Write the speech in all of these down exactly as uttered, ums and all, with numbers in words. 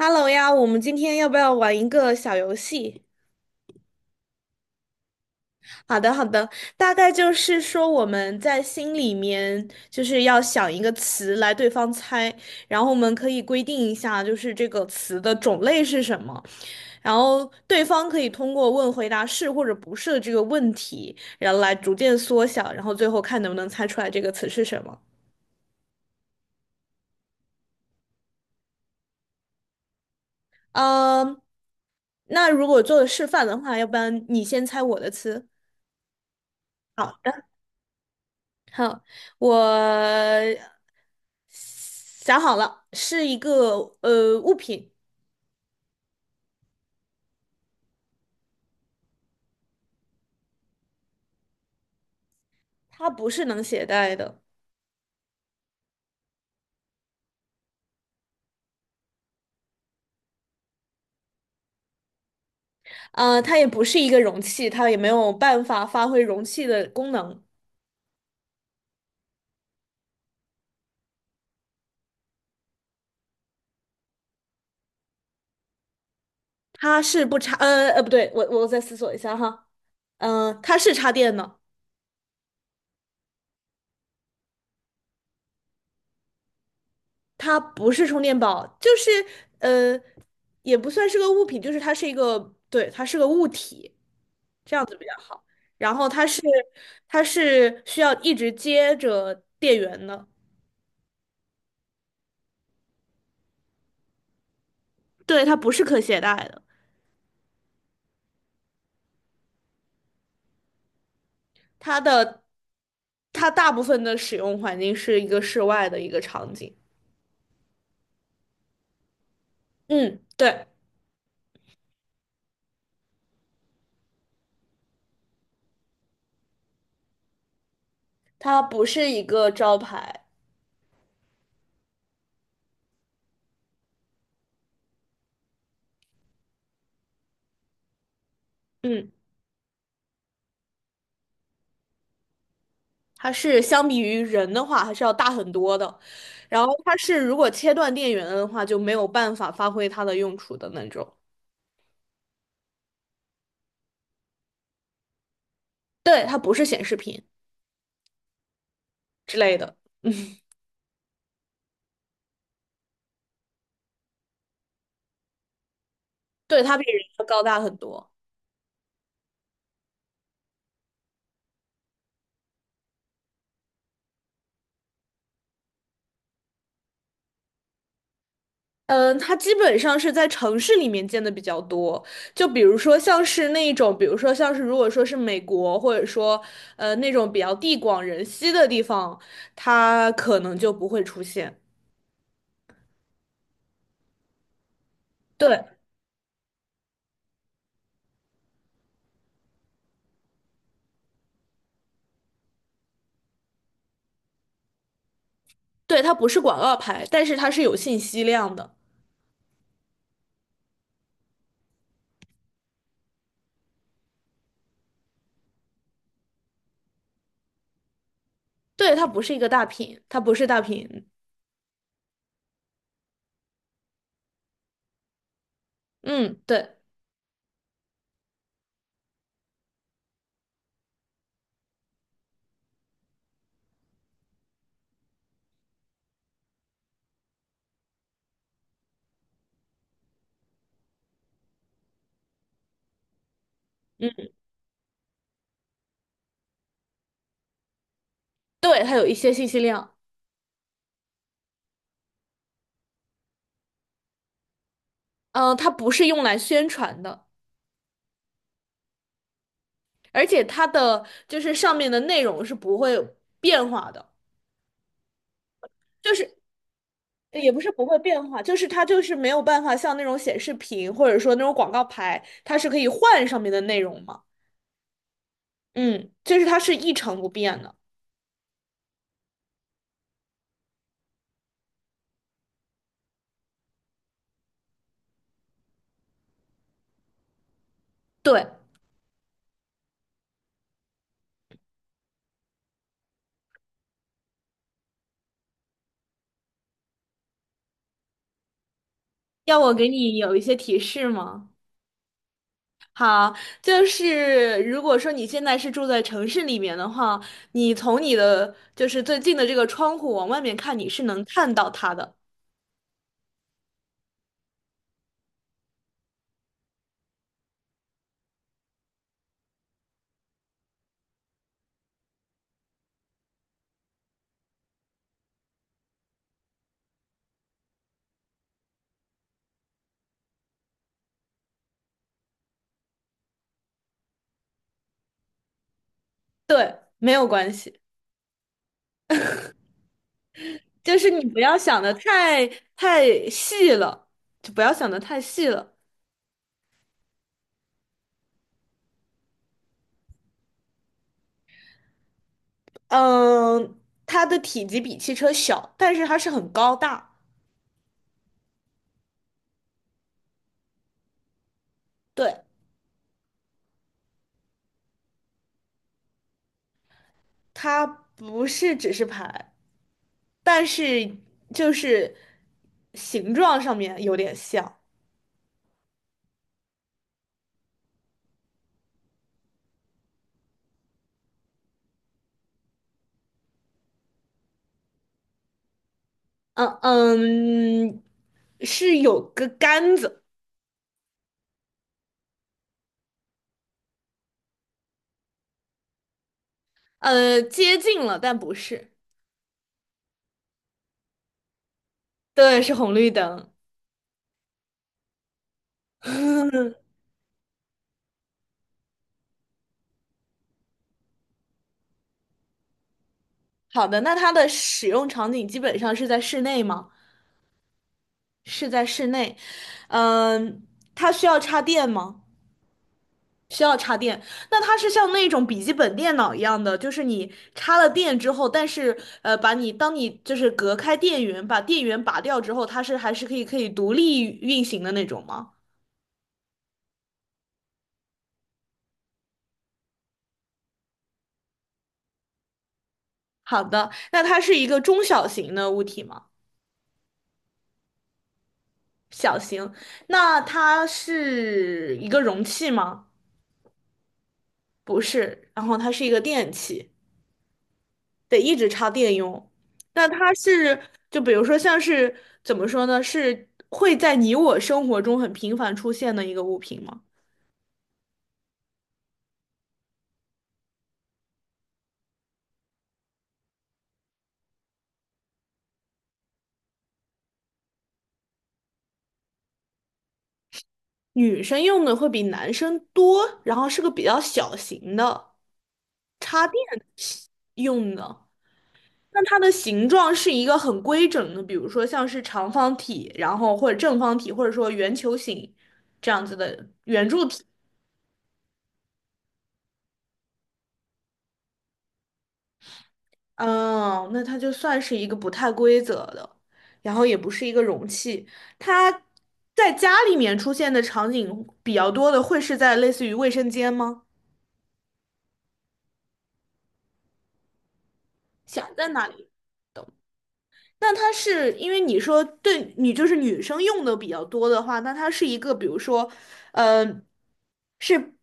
Hello 呀，我们今天要不要玩一个小游戏？好的，好的，大概就是说我们在心里面就是要想一个词来对方猜，然后我们可以规定一下，就是这个词的种类是什么，然后对方可以通过问回答是或者不是的这个问题，然后来逐渐缩小，然后最后看能不能猜出来这个词是什么。嗯，那如果做示范的话，要不然你先猜我的词。好。好，我想好了，是一个呃物品，它不是能携带的，呃，它也不是一个容器，它也没有办法发挥容器的功能，它是不插，呃呃，不对，我我再思索一下哈，嗯、它是插电的。它不是充电宝，就是呃，也不算是个物品，就是它是一个，对，它是个物体，这样子比较好。然后它是它是需要一直接着电源的，对，它不是可携带的，它的它大部分的使用环境是一个室外的一个场景。嗯，对，它不是一个招牌。嗯。它是相比于人的话还是要大很多的。然后它是如果切断电源的话，就没有办法发挥它的用处的那种。对，它不是显示屏之类的。嗯，对，它比人要高大很多。嗯，它基本上是在城市里面见的比较多，就比如说像是那种，比如说像是如果说是美国，或者说呃那种比较地广人稀的地方，它可能就不会出现。对，对，它不是广告牌，但是它是有信息量的。对，它不是一个大屏，它不是大屏，嗯，对，嗯，对，它有一些信息量。嗯、它不是用来宣传的，而且它的就是上面的内容是不会变化的，就是也不是不会变化，就是它就是没有办法像那种显示屏或者说那种广告牌，它是可以换上面的内容嘛。嗯，就是它是一成不变的。对，要我给你有一些提示吗？好，就是如果说你现在是住在城市里面的话，你从你的就是最近的这个窗户往外面看，你是能看到它的。对，没有关系，就是你不要想的太太细了，就不要想的太细了。嗯，它的体积比汽车小，但是它是很高大。对，它不是指示牌，但是就是形状上面有点像。嗯嗯，是有个杆子，呃，接近了，但不是，对，是红绿灯。好的，那它的使用场景基本上是在室内吗？是在室内。嗯，它需要插电吗？需要插电。那它是像那种笔记本电脑一样的，就是你插了电之后，但是呃，把你当你就是隔开电源，把电源拔掉之后，它是还是可以可以独立运行的那种吗？好的，那它是一个中小型的物体吗？小型，那它是一个容器吗？不是，然后它是一个电器，得一直插电用。那它是，就比如说像是怎么说呢？是会在你我生活中很频繁出现的一个物品吗？女生用的会比男生多，然后是个比较小型的插电用的。那它的形状是一个很规整的，比如说像是长方体，然后或者正方体，或者说圆球形这样子的圆柱体。嗯，那它就算是一个不太规则的，然后也不是一个容器。它在家里面出现的场景比较多的，会是在类似于卫生间吗？想在哪里？那它是因为你说对你就是女生用的比较多的话，那它是一个比如说，呃，是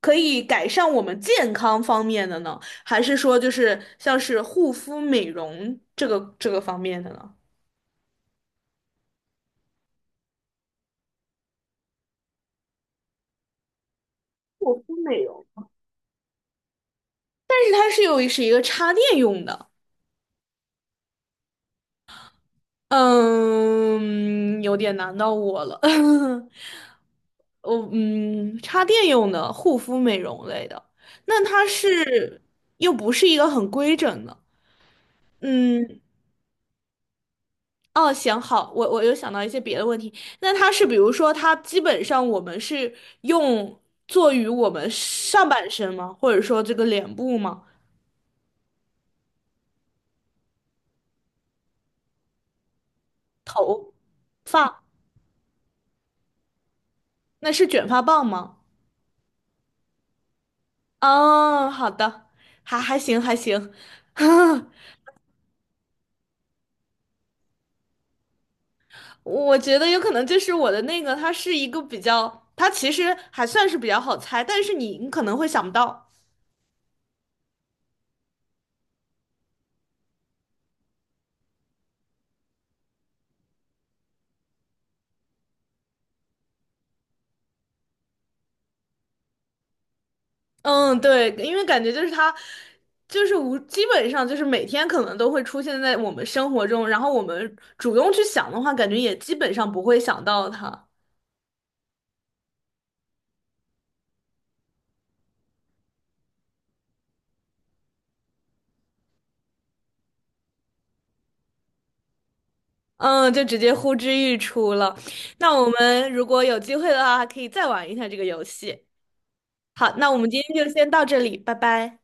可以改善我们健康方面的呢，还是说就是像是护肤美容这个这个方面的呢？护肤美容，但是它是有是一个插电用的。嗯，有点难到我了。我嗯，插电用的护肤美容类的，那它是又不是一个很规整的。嗯，哦，行，好，我我又想到一些别的问题。那它是比如说，它基本上我们是用做于我们上半身吗？或者说这个脸部吗？发，那是卷发棒吗？哦，好的，还还行还行。我觉得有可能就是我的那个，它是一个比较，它其实还算是比较好猜，但是你你可能会想不到。嗯，对，因为感觉就是它，就是无，基本上就是每天可能都会出现在我们生活中，然后我们主动去想的话，感觉也基本上不会想到它。嗯，就直接呼之欲出了。那我们如果有机会的话，还可以再玩一下这个游戏。好，那我们今天就先到这里，拜拜。